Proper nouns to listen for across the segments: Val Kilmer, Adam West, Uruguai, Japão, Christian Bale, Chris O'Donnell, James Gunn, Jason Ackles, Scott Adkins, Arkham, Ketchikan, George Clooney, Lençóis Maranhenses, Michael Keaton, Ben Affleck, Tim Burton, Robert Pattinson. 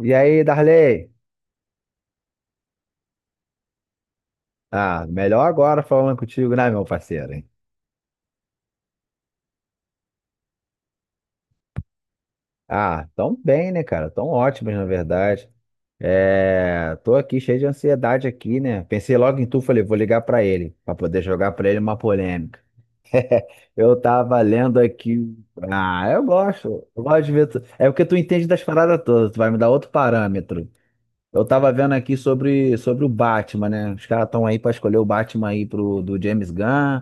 E aí, Darley? Ah, melhor agora falando contigo, né, meu parceiro? Hein? Ah, tão bem, né, cara? Tão ótimos, na verdade. É, tô aqui cheio de ansiedade aqui, né? Pensei logo em tu, falei, vou ligar pra ele, pra poder jogar pra ele uma polêmica. Eu tava lendo aqui. Ah, eu gosto. Eu gosto de ver. É porque tu entende das paradas todas, tu vai me dar outro parâmetro. Eu tava vendo aqui sobre o Batman, né? Os caras estão aí pra escolher o Batman aí pro, do James Gunn,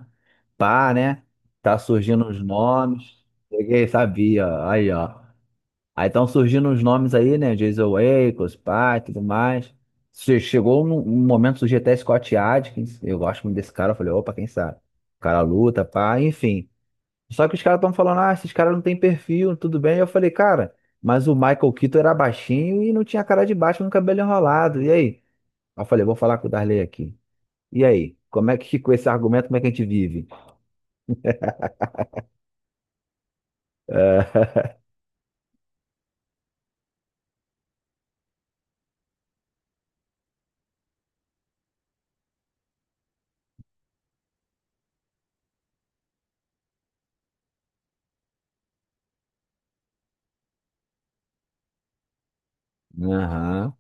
pá, né? Tá surgindo os nomes. Peguei, sabia, aí, ó. Aí estão surgindo os nomes aí, né? Jason Ackles, pá, e tudo mais. Chegou um momento, surgiu até Scott Adkins. Eu gosto muito desse cara. Eu falei, opa, quem sabe? O cara luta, pá, enfim. Só que os caras estão falando, ah, esses caras não têm perfil, tudo bem. Eu falei, cara, mas o Michael Keaton era baixinho e não tinha cara de baixo no cabelo enrolado. E aí? Aí eu falei, vou falar com o Darley aqui. E aí? Como é que com esse argumento, como é que a gente vive? Aham,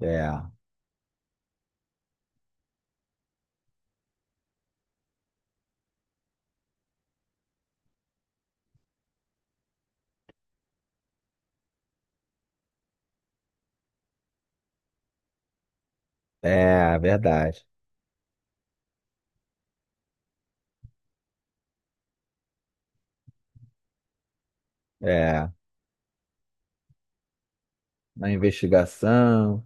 é, é, verdade. É, na investigação.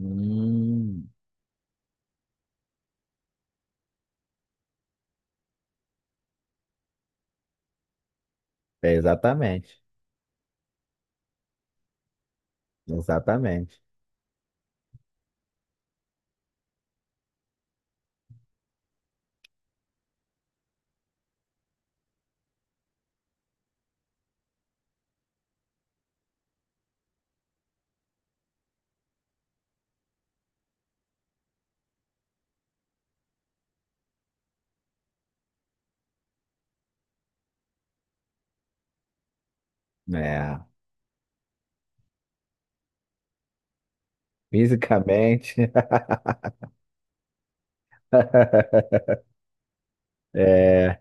Hum, é exatamente, exatamente. É, fisicamente. É,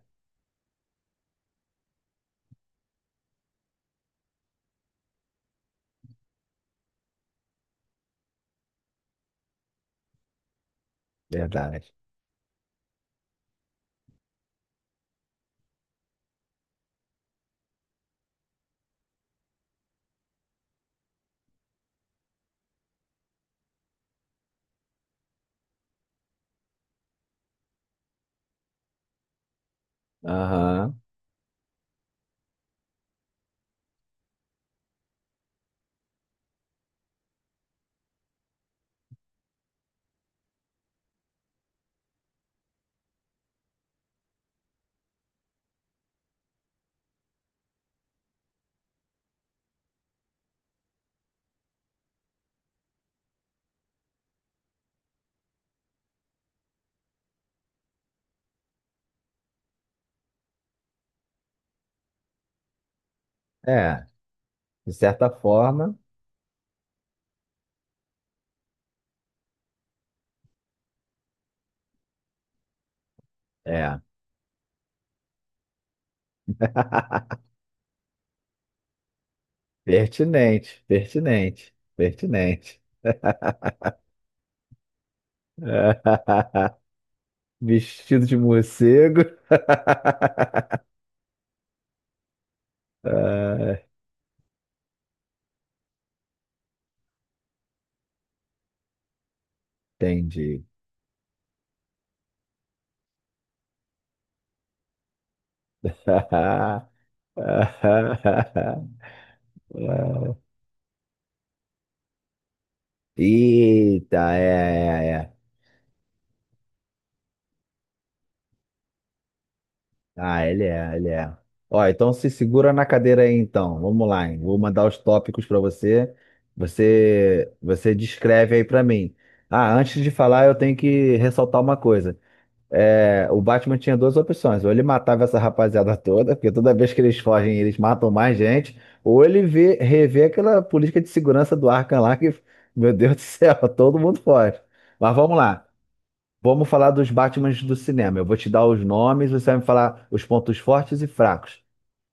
verdade. Aham, é, de certa forma. É. Pertinente, pertinente, pertinente. Vestido de morcego. Ah, entendi. Eita, é, é, é. Ah, ele é, ele é. Ó, então se segura na cadeira aí, então. Vamos lá, hein? Vou mandar os tópicos para você. Você, você descreve aí para mim. Ah, antes de falar, eu tenho que ressaltar uma coisa. É, o Batman tinha duas opções. Ou ele matava essa rapaziada toda, porque toda vez que eles fogem, eles matam mais gente, ou ele vê, revê aquela política de segurança do Arkham lá, que, meu Deus do céu, todo mundo foge. Mas vamos lá. Vamos falar dos Batmans do cinema. Eu vou te dar os nomes, você vai me falar os pontos fortes e fracos.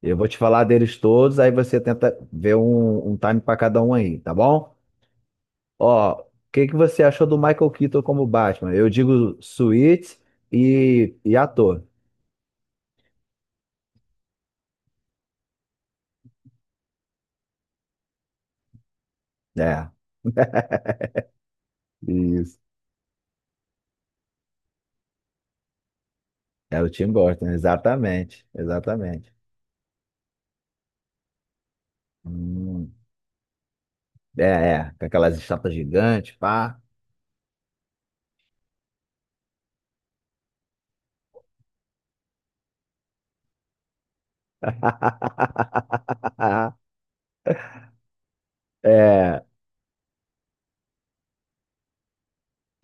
Eu vou te falar deles todos, aí você tenta ver um time para cada um aí, tá bom? Ó, o que que você achou do Michael Keaton como Batman? Eu digo suíte e ator. É, isso. Era o Tim Burton, exatamente, exatamente. Hum, é, é, com aquelas estátuas gigantes, pá. É,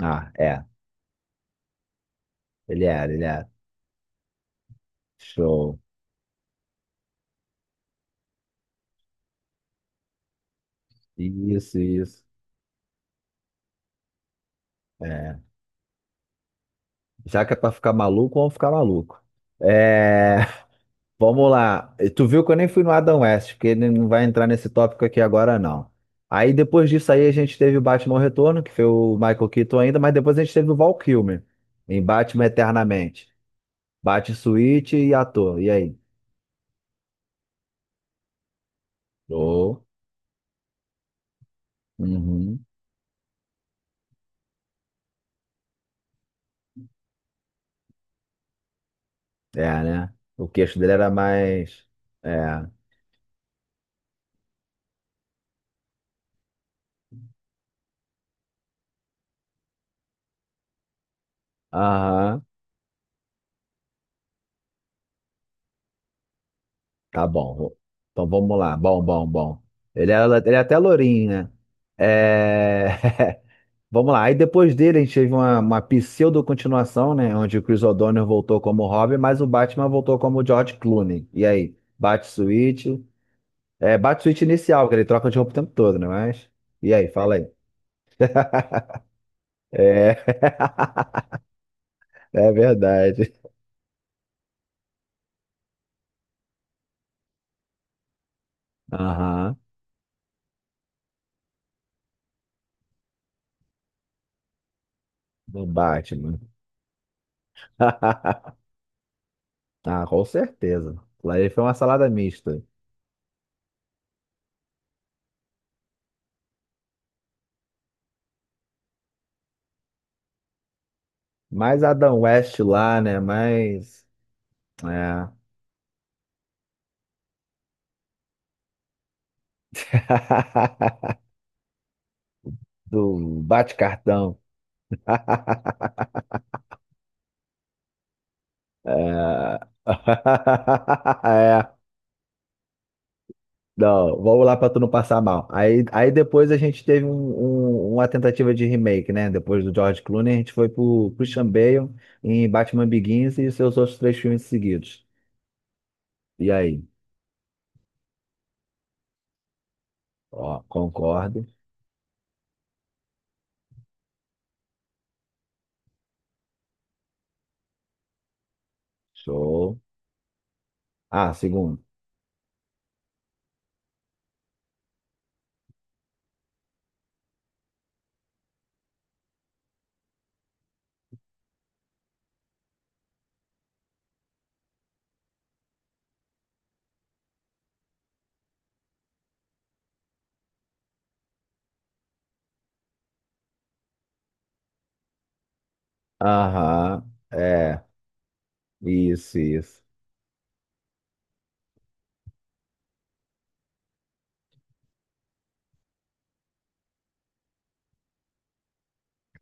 ah, é, ele era, ele era. Show. Isso, isso. É. Já que é pra ficar maluco, vamos ficar maluco. É. Vamos lá. E tu viu que eu nem fui no Adam West, porque ele não vai entrar nesse tópico aqui agora, não. Aí depois disso aí a gente teve o Batman Retorno, que foi o Michael Keaton ainda, mas depois a gente teve o Val Kilmer em Batman Eternamente. Batman Suíte e ator. E aí? Oh. Uhum. É, né? O queixo dele era mais. É. Aham. Tá bom. Então vamos lá. Bom, bom, bom. Ele era, ele é até lourinho, né? É. Vamos lá. Aí depois dele a gente teve uma pseudo-continuação, né? Onde o Chris O'Donnell voltou como Robin, mas o Batman voltou como George Clooney. E aí? Bat-Switch. É, Bat-Switch inicial, que ele troca de roupa o tempo todo, né? Mas. E aí, fala aí. É, é verdade. Aham. Do Batman. Ah, com certeza. Lá ele foi uma salada mista. Mais Adam West lá, né? Mais. É. Do bate-cartão. É... É. Não, vamos lá pra tu não passar mal. Aí, aí depois a gente teve uma tentativa de remake, né? Depois do George Clooney, a gente foi pro Christian Bale em Batman Begins e seus outros três filmes seguidos. E aí? Ó, concordo. Show. Ah, segundo. Aham. É. Isso, isso.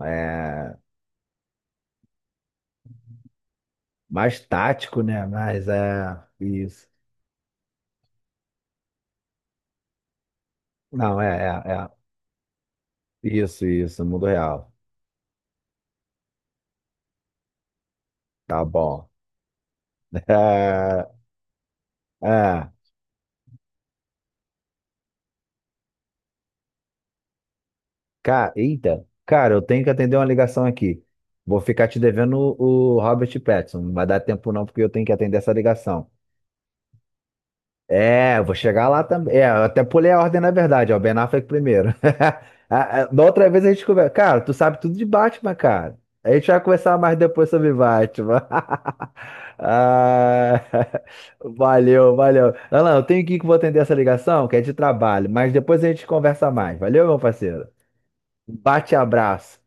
É. Mais tático, né? Mas é. Isso. Não, é, é, é. Isso, isso. Mundo real. Tá bom. Ah, ah, cara, eita. Cara, eu tenho que atender uma ligação aqui. Vou ficar te devendo o Robert Pattinson. Não vai dar tempo não, porque eu tenho que atender essa ligação. É, eu vou chegar lá também. É, eu até pulei a ordem, na verdade. Ó, Ben Affleck primeiro. Ah, ah, da outra vez a gente conversa. Cara, tu sabe tudo de Batman, cara. A gente vai conversar mais depois sobre Batman. Ah, valeu, valeu. Alan, eu tenho que ir que eu vou atender essa ligação, que é de trabalho. Mas depois a gente conversa mais. Valeu, meu parceiro. Bate-abraço.